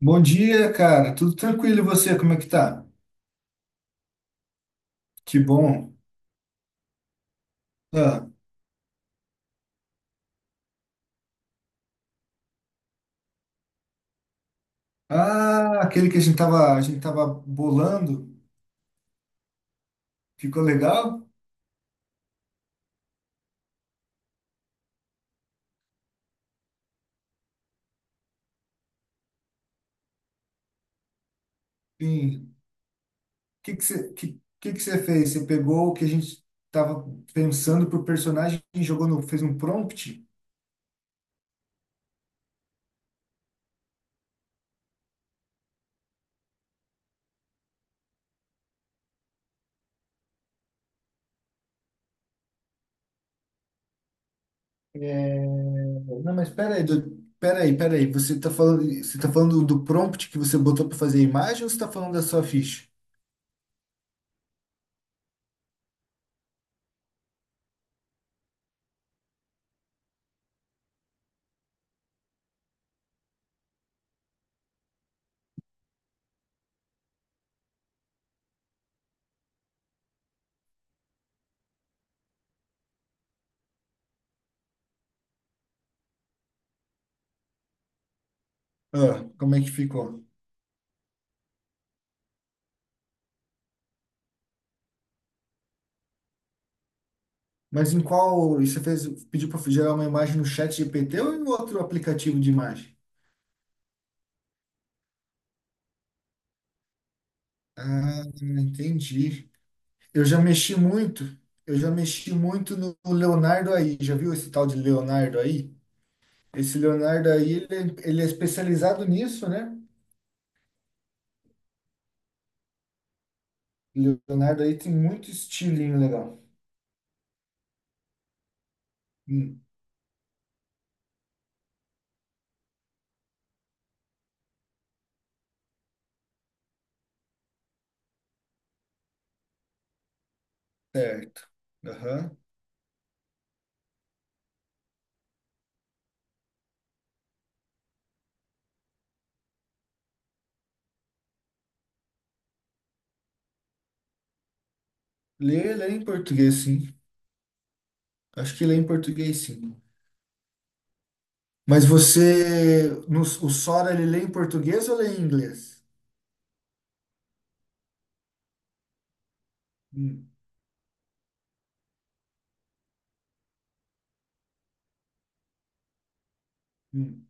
Bom dia, cara. Tudo tranquilo e você? Como é que tá? Que bom. Ah, ah, aquele que a gente tava, bolando, ficou legal? Sim. O que que você fez? Você pegou o que a gente tava pensando pro personagem e jogou no, fez um prompt? É, não, mas pera aí, pera aí, pera aí. Você tá falando do prompt que você botou para fazer a imagem ou você tá falando da sua ficha? Ah, como é que ficou? Mas em qual pediu para gerar uma imagem no chat GPT ou em outro aplicativo de imagem? Ah, entendi. Eu já mexi muito, eu já mexi muito no Leonardo aí. Já viu esse tal de Leonardo aí? Esse Leonardo aí, ele é especializado nisso, né? Leonardo aí tem muito estilinho legal. Hum, certo. Aham. Lê, em português, sim. Acho que lê em português, sim. Mas você, no, o Sora, ele lê em português ou lê em inglês? Hum. Hum,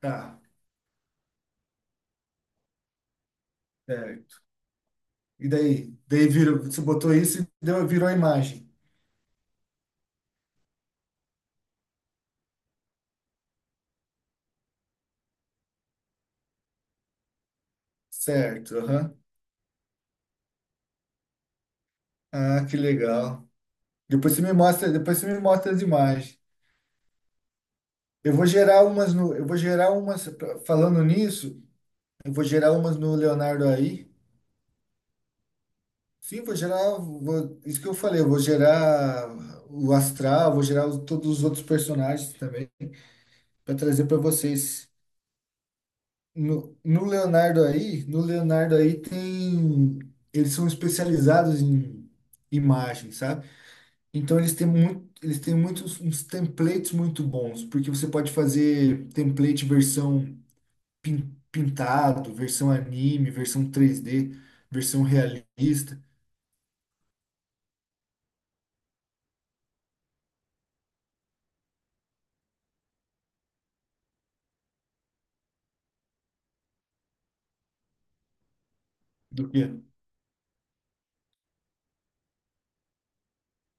tá, certo. E daí? Daí virou, você botou isso virou a imagem. Certo, aham. Ah, que legal. Depois você me mostra as imagens. Eu vou gerar umas no, eu vou gerar umas, pra- falando nisso, eu vou gerar umas no Leonardo aí. Sim, isso que eu falei, eu vou gerar o Astral, todos os outros personagens também, para trazer para vocês. No Leonardo aí eles são especializados em imagens, sabe? Então eles têm muitos uns templates muito bons, porque você pode fazer template versão pintado, versão anime, versão 3D versão realista, do quê?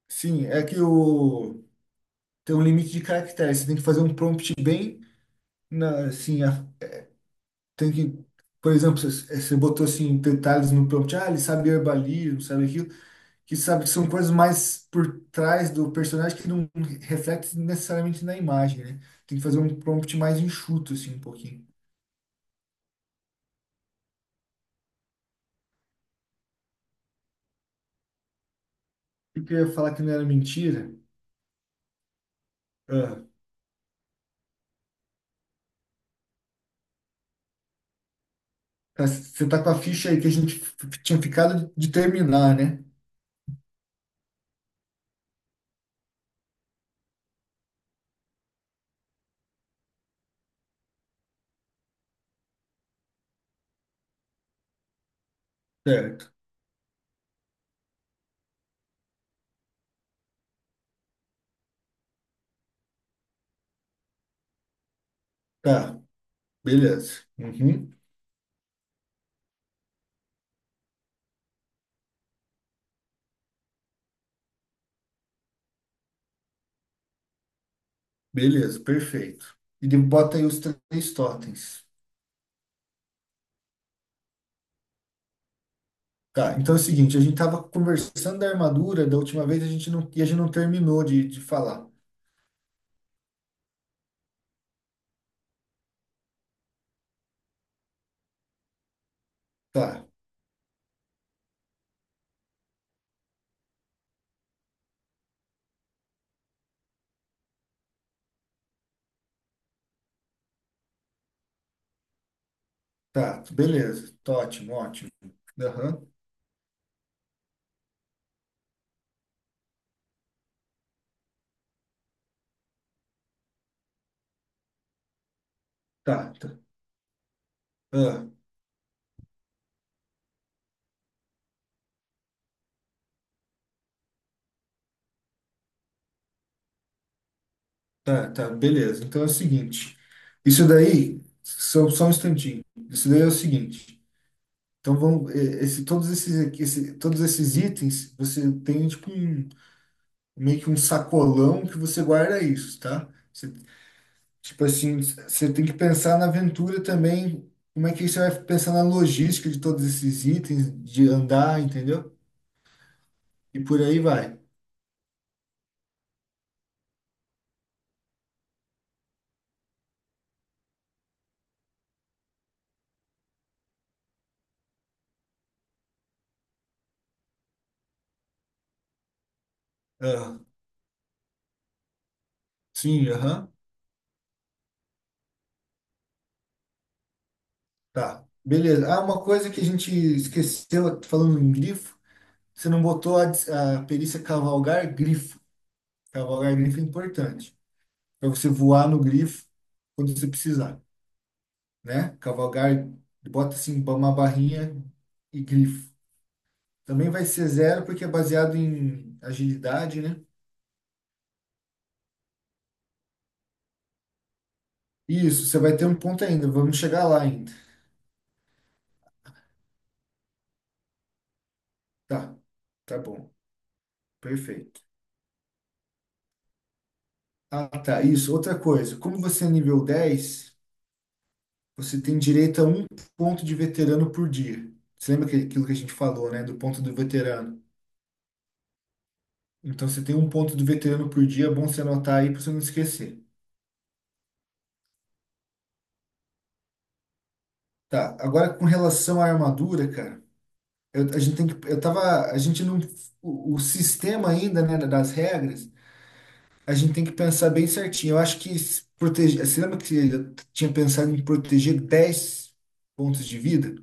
Sim, é que o tem um limite de caracteres, você tem que fazer um prompt bem assim, tem que, por exemplo, você botou assim detalhes no prompt, ah, ele sabe herbalismo, sabe aquilo, que sabe que são coisas mais por trás do personagem que não reflete necessariamente na imagem, né? Tem que fazer um prompt mais enxuto, assim, um pouquinho. E que eu ia falar que não era mentira. Ah, tá, você tá com a ficha aí que a gente tinha ficado de terminar, né? Certo. Tá, beleza. Uhum. Beleza, perfeito. E bota aí os três totens. Tá, então é o seguinte, a gente estava conversando da armadura da última vez, a gente não, e a gente não terminou de falar. Tá, tá, beleza, tá ótimo, ótimo. Aham, tá, tá, ah, tá, tá, beleza. Então é o seguinte, isso daí, só um instantinho, isso daí é o seguinte, então esse, todos esses, aqui- esse, todos esses itens, você tem tipo um, meio que um sacolão que você guarda isso, tá? Tipo assim, você tem que pensar na aventura também, como é que você vai pensar na logística de todos esses itens, de andar, entendeu? E por aí vai. Ah, sim, aham, tá. Beleza. Ah, uma coisa que a gente esqueceu, falando em grifo, você não botou a perícia cavalgar grifo. Cavalgar grifo é importante, para você voar no grifo quando você precisar, né? Cavalgar, bota assim, uma barrinha e grifo. Também vai ser zero porque é baseado em agilidade, né? Isso, você vai ter um ponto ainda. Vamos chegar lá ainda. Tá, tá bom. Perfeito. Ah, tá. Isso. Outra coisa. Como você é nível 10, você tem direito a um ponto de veterano por dia. Você lembra aquilo que a gente falou, né? Do ponto do veterano. Então você tem um ponto do veterano por dia. É bom você anotar aí para você não esquecer. Tá. Agora com relação à armadura, cara. Eu, a gente tem que. Eu tava. A gente não. O sistema ainda, né? Das regras. A gente tem que pensar bem certinho. Eu acho que se proteger. Você lembra que eu tinha pensado em proteger 10 pontos de vida?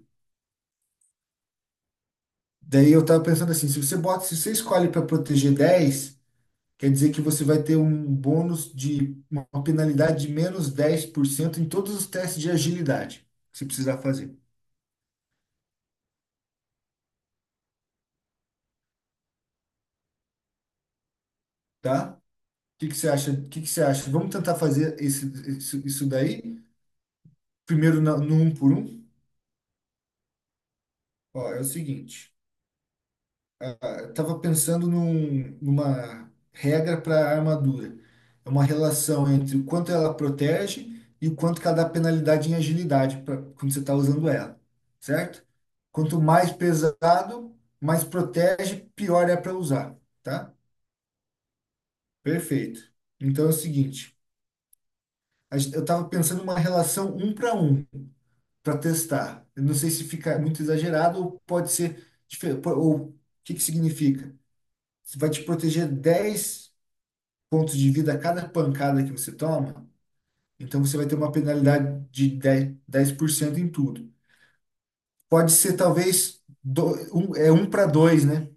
Daí eu tava pensando assim, se você escolhe para proteger 10 quer dizer que você vai ter um bônus de uma penalidade de menos 10% em todos os testes de agilidade que você precisar fazer, tá? O que que você acha? O que que você acha? Vamos tentar fazer esse, isso daí primeiro no um por um? Ó, é o seguinte. Estava pensando numa regra para armadura. É uma relação entre o quanto ela protege e o quanto que ela dá penalidade em agilidade pra, quando você está usando ela, certo? Quanto mais pesado, mais protege, pior é para usar, tá? Perfeito. Então é o seguinte, eu estava pensando numa relação um para um para testar. Eu não sei se fica muito exagerado ou pode ser diferente. Ou o que que significa? Você vai te proteger 10 pontos de vida a cada pancada que você toma, então você vai ter uma penalidade de 10% em tudo. Pode ser talvez do, um, é um para dois, né?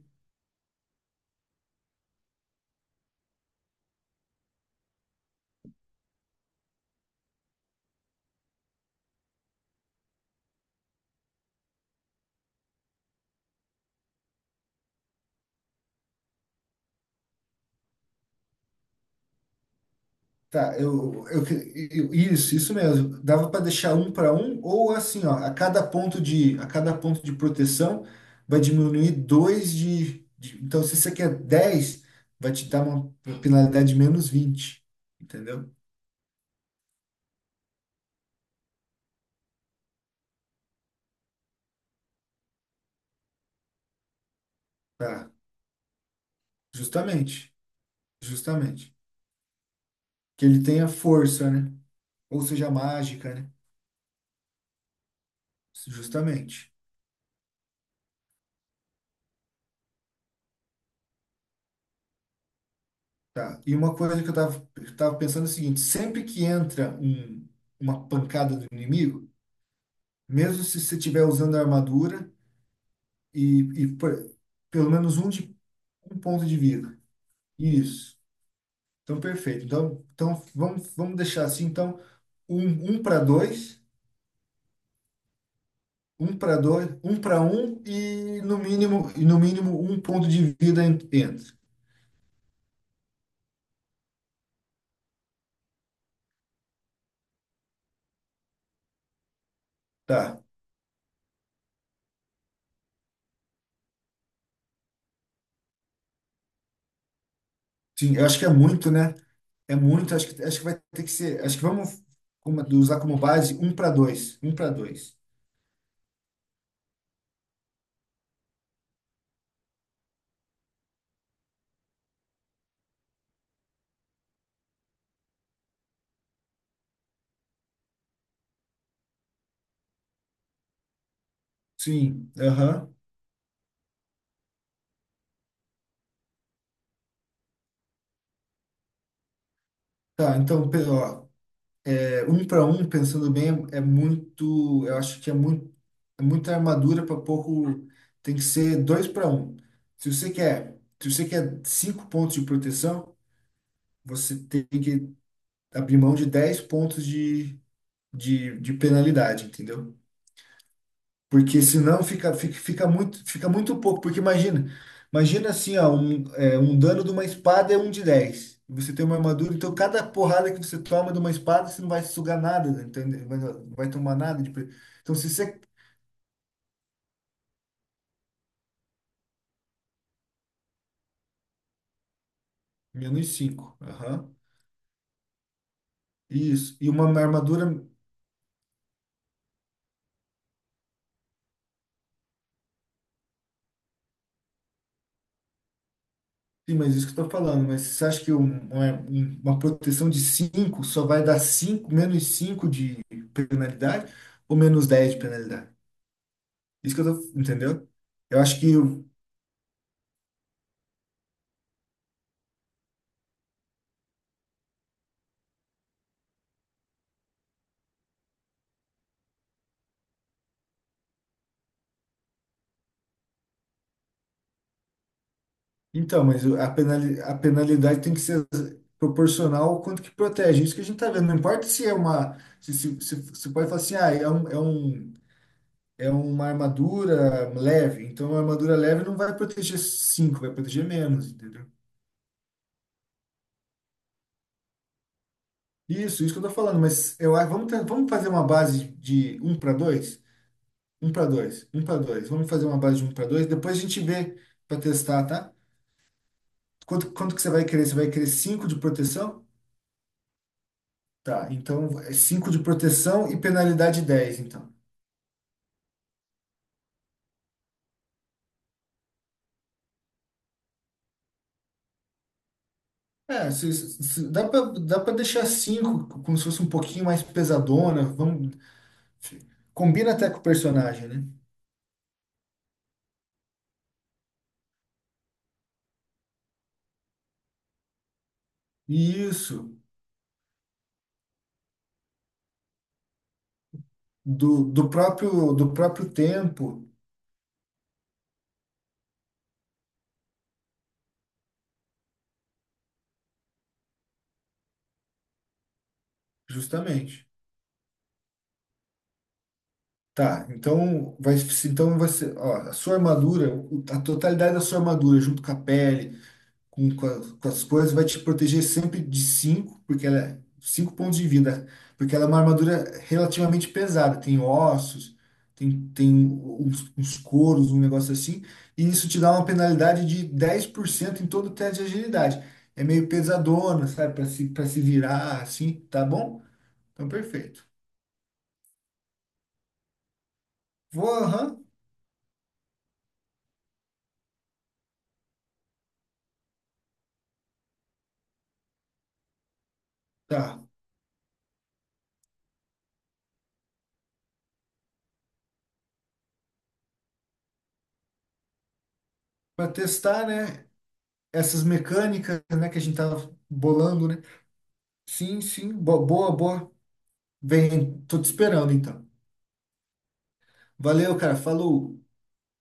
Tá, isso, isso mesmo. Dava para deixar um para um ou assim, ó, a cada ponto de proteção vai diminuir dois então se você quer 10, vai te dar uma penalidade de menos 20, entendeu? Tá, justamente, justamente. Que ele tenha força, né? Ou seja, mágica, né? Justamente. Tá. E uma coisa que eu tava pensando é o seguinte, sempre que entra uma pancada do inimigo, mesmo se você estiver usando a armadura e, e por- pelo menos um ponto de vida. Isso. Então, perfeito. Então, vamos, deixar assim, então, um para dois, um para dois, um para um e no mínimo um ponto de vida entra. Tá. Sim, eu acho que é muito, né? É muito, acho que vai ter que ser. Acho que vamos usar como base um para dois. Um para dois. Sim, aham. Tá, então, ó, um para um, pensando bem, é muito. Eu acho que é muita armadura para pouco. Tem que ser dois para um. Se você quer 5 pontos de proteção, você tem que abrir mão de 10 pontos de penalidade, entendeu? Porque senão fica muito pouco. Porque imagina assim, ó, um dano de uma espada é um de 10. E você tem uma armadura, então cada porrada que você toma de uma espada, você não vai sugar nada, né? Então, vai tomar nada. Então, se você. É menos cinco. Aham. Isso. E uma armadura. Sim, mas isso que eu tô falando. Mas você acha que uma proteção de 5 só vai dar 5 menos 5 de penalidade ou menos 10 de penalidade? Isso que eu tô. Entendeu? Eu acho que. Então, mas a penalidade tem que ser proporcional ao quanto que protege. Isso que a gente está vendo. Não importa se é uma. Se pode falar assim, ah, é uma armadura leve. Então, uma armadura leve não vai proteger 5, vai proteger menos, entendeu? Isso que eu tô falando. Mas vamos fazer uma base de um para dois, um para dois, um para 2. Vamos fazer uma base de um para 2. Depois a gente vê para testar, tá? Quanto que você vai querer? Você vai querer 5 de proteção? Tá, então é 5 de proteção e penalidade 10 então. É, dá para deixar 5 como se fosse um pouquinho mais pesadona. Vamos, combina até com o personagem, né? Isso, do próprio tempo, justamente. Tá, então então vai ser, ó, a sua armadura, a totalidade da sua armadura, junto com a pele, com as coisas, vai te proteger sempre de 5 porque ela é 5 pontos de vida, porque ela é uma armadura relativamente pesada, tem ossos, uns couros, um negócio assim, e isso te dá uma penalidade de 10% em todo o teste de agilidade. É meio pesadona, sabe, para se virar assim, tá bom? Então, perfeito. Vou, aham, tá. Para testar, né, essas mecânicas, né, que a gente tava bolando, né? Sim, sim, boa, boa. Vem, tô te esperando então. Valeu, cara. Falou.